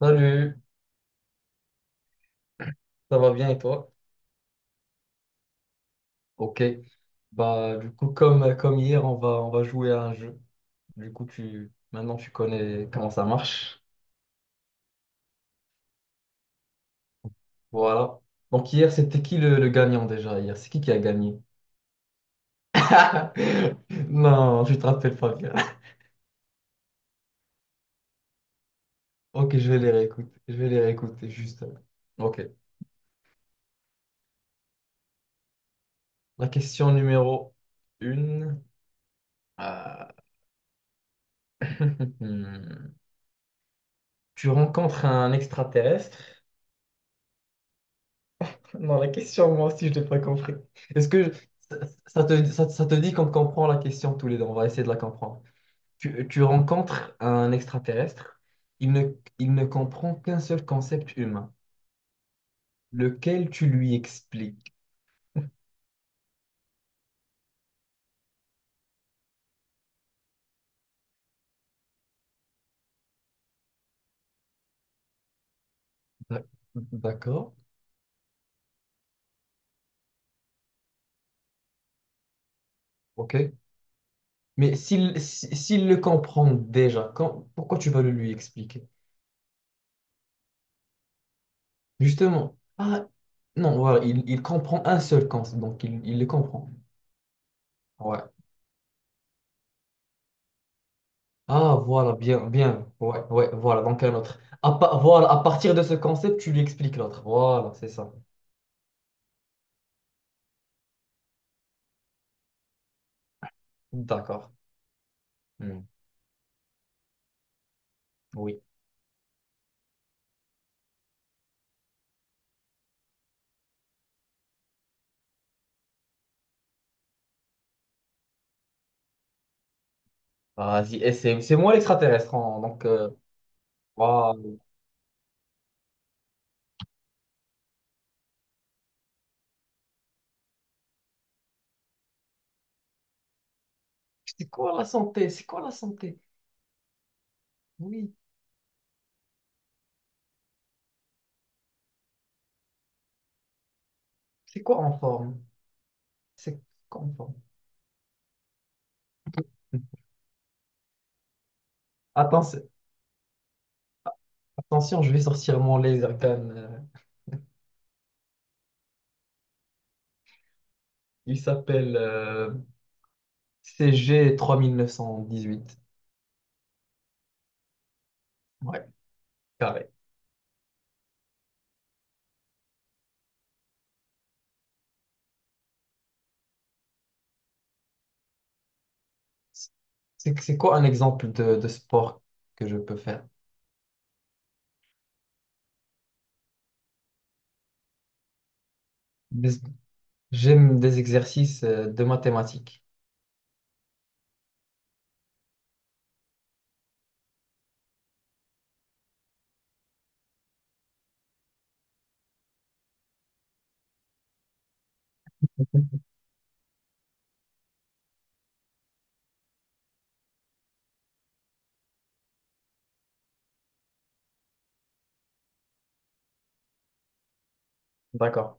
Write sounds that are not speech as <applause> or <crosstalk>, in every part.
Salut, ça va bien et toi? Ok. Bah du coup comme hier on va jouer à un jeu. Du coup tu maintenant tu connais comment ça marche. Voilà. Donc hier c'était qui le gagnant déjà hier? C'est qui a gagné? <laughs> Non, je te rappelle pas bien. Ok, je vais les réécouter. Je vais les réécouter juste. Ok. La question numéro une. Euh, <laughs> Tu rencontres un extraterrestre. Non, la question, moi aussi, je l'ai pas compris. Est-ce que ça, ça te dit qu'on comprend la question tous les deux? On va essayer de la comprendre. Tu rencontres un extraterrestre, il ne, il ne comprend qu'un seul concept humain, lequel tu lui expliques. D'ac- D'accord, ok. Mais s'il si- s'il le comprend déjà, pourquoi tu vas le lui expliquer? Justement, ah, non, voilà, il comprend un seul concept, donc il le comprend. Ah, voilà, bien, bien. Ouais, ouais, voilà, donc un autre. Voilà, à partir de ce concept, tu lui expliques l'autre. Voilà, c'est ça. D'accord. Hmm, oui. Vas-y, et c'est moi l'extraterrestre, hein, donc, voilà. C'est quoi la santé? C'est quoi la santé? Oui. C'est quoi en forme? C'est quoi en forme? Attention, attention, je vais sortir mon laser gun. Il s'appelle CG3918, ouais, carré. C'est quoi un exemple de sport que je peux faire? Des- J'aime des exercices de mathématiques. D'accord.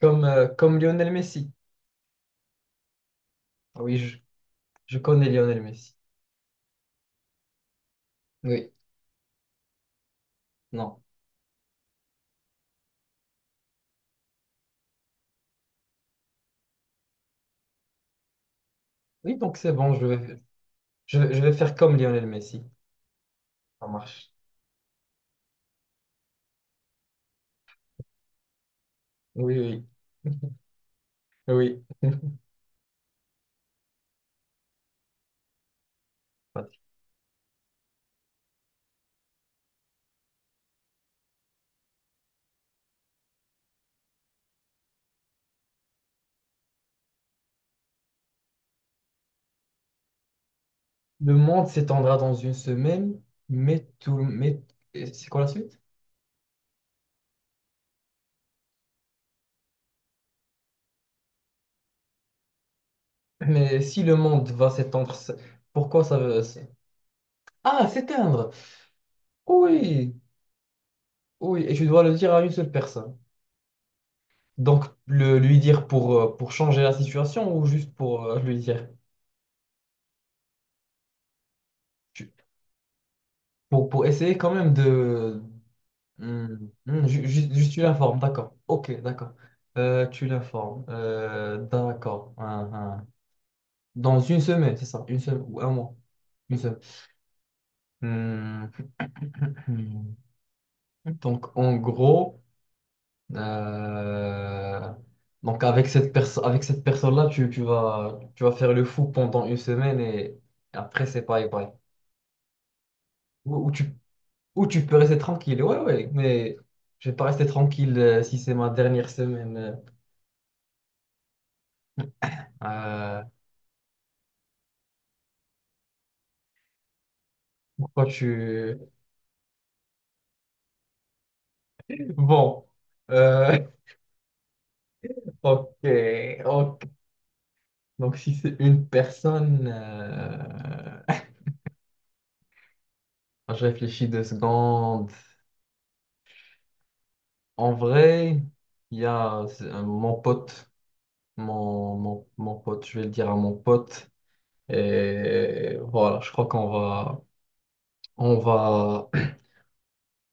Comme Lionel Messi. Ah oui, je connais Lionel Messi. Oui, non. Oui, donc c'est bon, je vais faire comme Lionel Messi. Ça marche. Oui, oui. Oui. <laughs> Le monde s'étendra dans une semaine, mais tout, mais c'est quoi la suite? Mais si le monde va s'étendre, pourquoi ça veut Ah, s'éteindre! Oui, oui, et tu dois le dire à une seule personne. Donc, lui dire pour changer la situation ou juste pour lui dire, tu- pour, essayer quand même de... Juste tu l'informes, d'accord. Ok, d'accord. Tu l'informes. D'accord. Hein, hein. Dans une semaine, c'est ça, une semaine ou un mois. Une semaine. Hmm, hmm. Donc, en gros, euh, donc avec avec cette personne-là, tu vas faire le fou pendant une semaine et après, c'est pareil, pareil. Ou, ou tu Ou tu peux rester tranquille, ouais, ouais, mais je vais pas rester tranquille si c'est ma dernière semaine. Euh, Pourquoi tu... Bon, euh, <laughs> ok, ok. Donc si c'est une personne, je réfléchis 2 secondes. En vrai, il y a c'est, mon pote, je vais le dire à mon pote. Et voilà, je crois qu'on va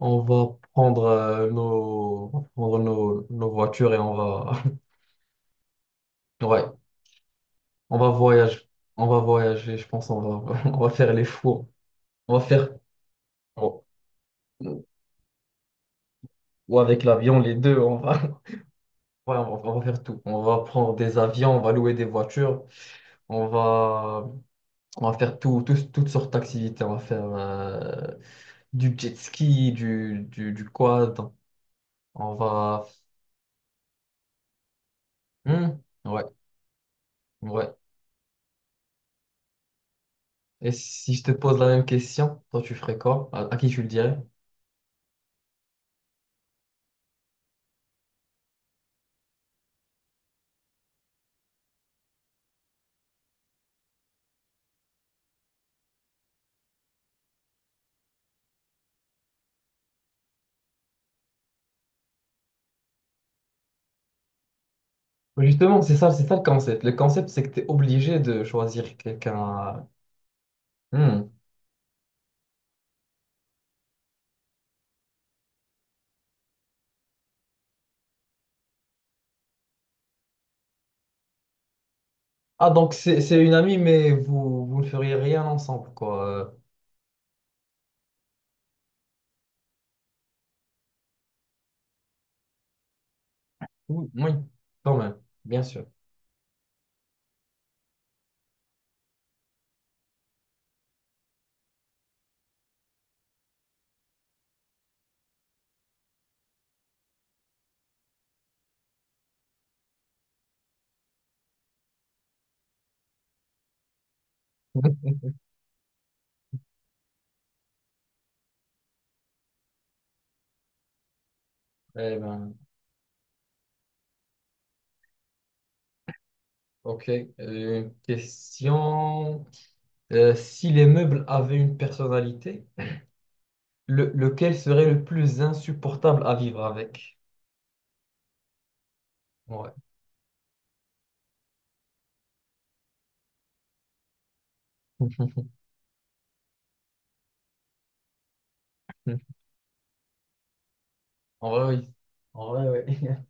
On va prendre nos voitures et on va, <laughs> ouais, on va voyager. On va voyager, je pense. On va, <laughs> on va faire les fous. On va faire, bon, ou avec l'avion, les deux. On va, <laughs> ouais, on va faire tout. On va prendre des avions, on va louer des voitures. On va, on va faire tout, toutes sortes d'activités. On va faire du jet ski, du quad. On va, hmm, ouais, ouais. Et si je te pose la même question, toi tu ferais quoi? À qui tu le dirais? Justement, c'est ça le concept. Le concept, c'est que tu es obligé de choisir quelqu'un. Hmm. Ah, donc c'est une amie, mais vous ne feriez rien ensemble, quoi. Oui, oui, quand même, bien sûr. Eh ben, ok. Une question. Si les meubles avaient une personnalité, lequel serait le plus insupportable à vivre avec? Ouais. <laughs> En vrai, oui. En vrai, oui. <laughs>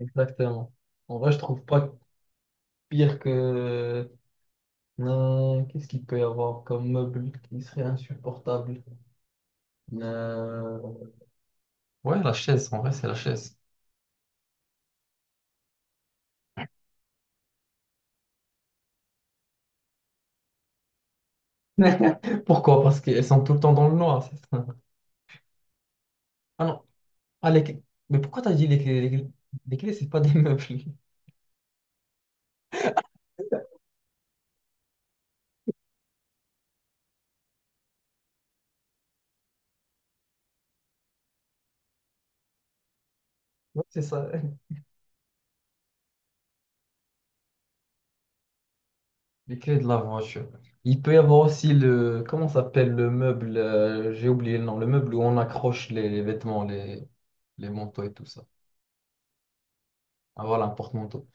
Exactement. En vrai, je trouve pas pire que. Non, qu'est-ce qu'il peut y avoir comme meuble qui serait insupportable? Euh, Ouais, la chaise, en vrai, c'est la chaise. <laughs> Pourquoi? Parce qu'elles sont tout le temps dans le noir, c'est ça. Ah non, ah, les clés. Mais pourquoi t'as dit les clés? Les clés, c'est pas des meubles. <laughs> Ouais, c'est ça. Les clés de la voiture. Il peut y avoir aussi Comment ça s'appelle le meuble? J'ai oublié le nom. Le meuble où on accroche les vêtements, les manteaux et tout ça. Ah voilà, un porte-manteau.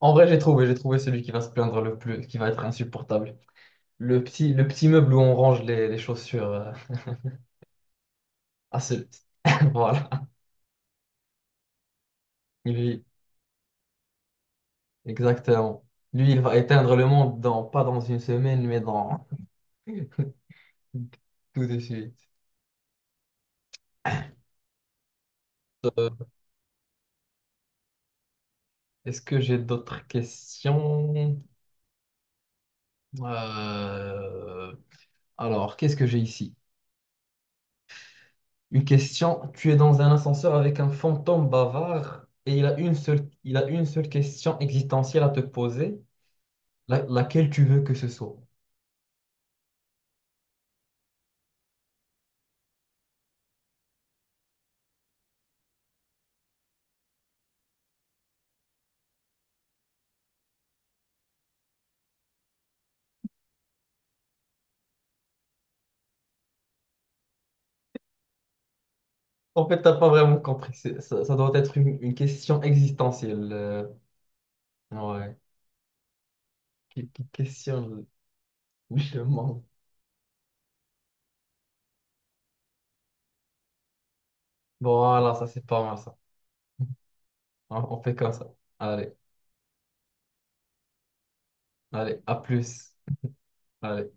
En vrai, j'ai trouvé celui qui va se plaindre le plus, qui va être insupportable. Le petit meuble où on range les chaussures. À ce... <laughs> Voilà. Lui, exactement. Lui, il va éteindre le monde dans, pas dans une semaine, mais dans <laughs> tout de suite. Euh, Est-ce que j'ai d'autres questions? Euh, Alors, qu'est-ce que j'ai ici? Une question. Tu es dans un ascenseur avec un fantôme bavard et il a une seule question existentielle à te poser. Laquelle tu veux que ce soit. En fait, t'as pas vraiment compris. Ça, ça doit être une question existentielle. Ouais. Qui questionne le monde. Voilà, ça c'est pas mal ça. On fait comme ça. Allez, allez, à plus. Allez.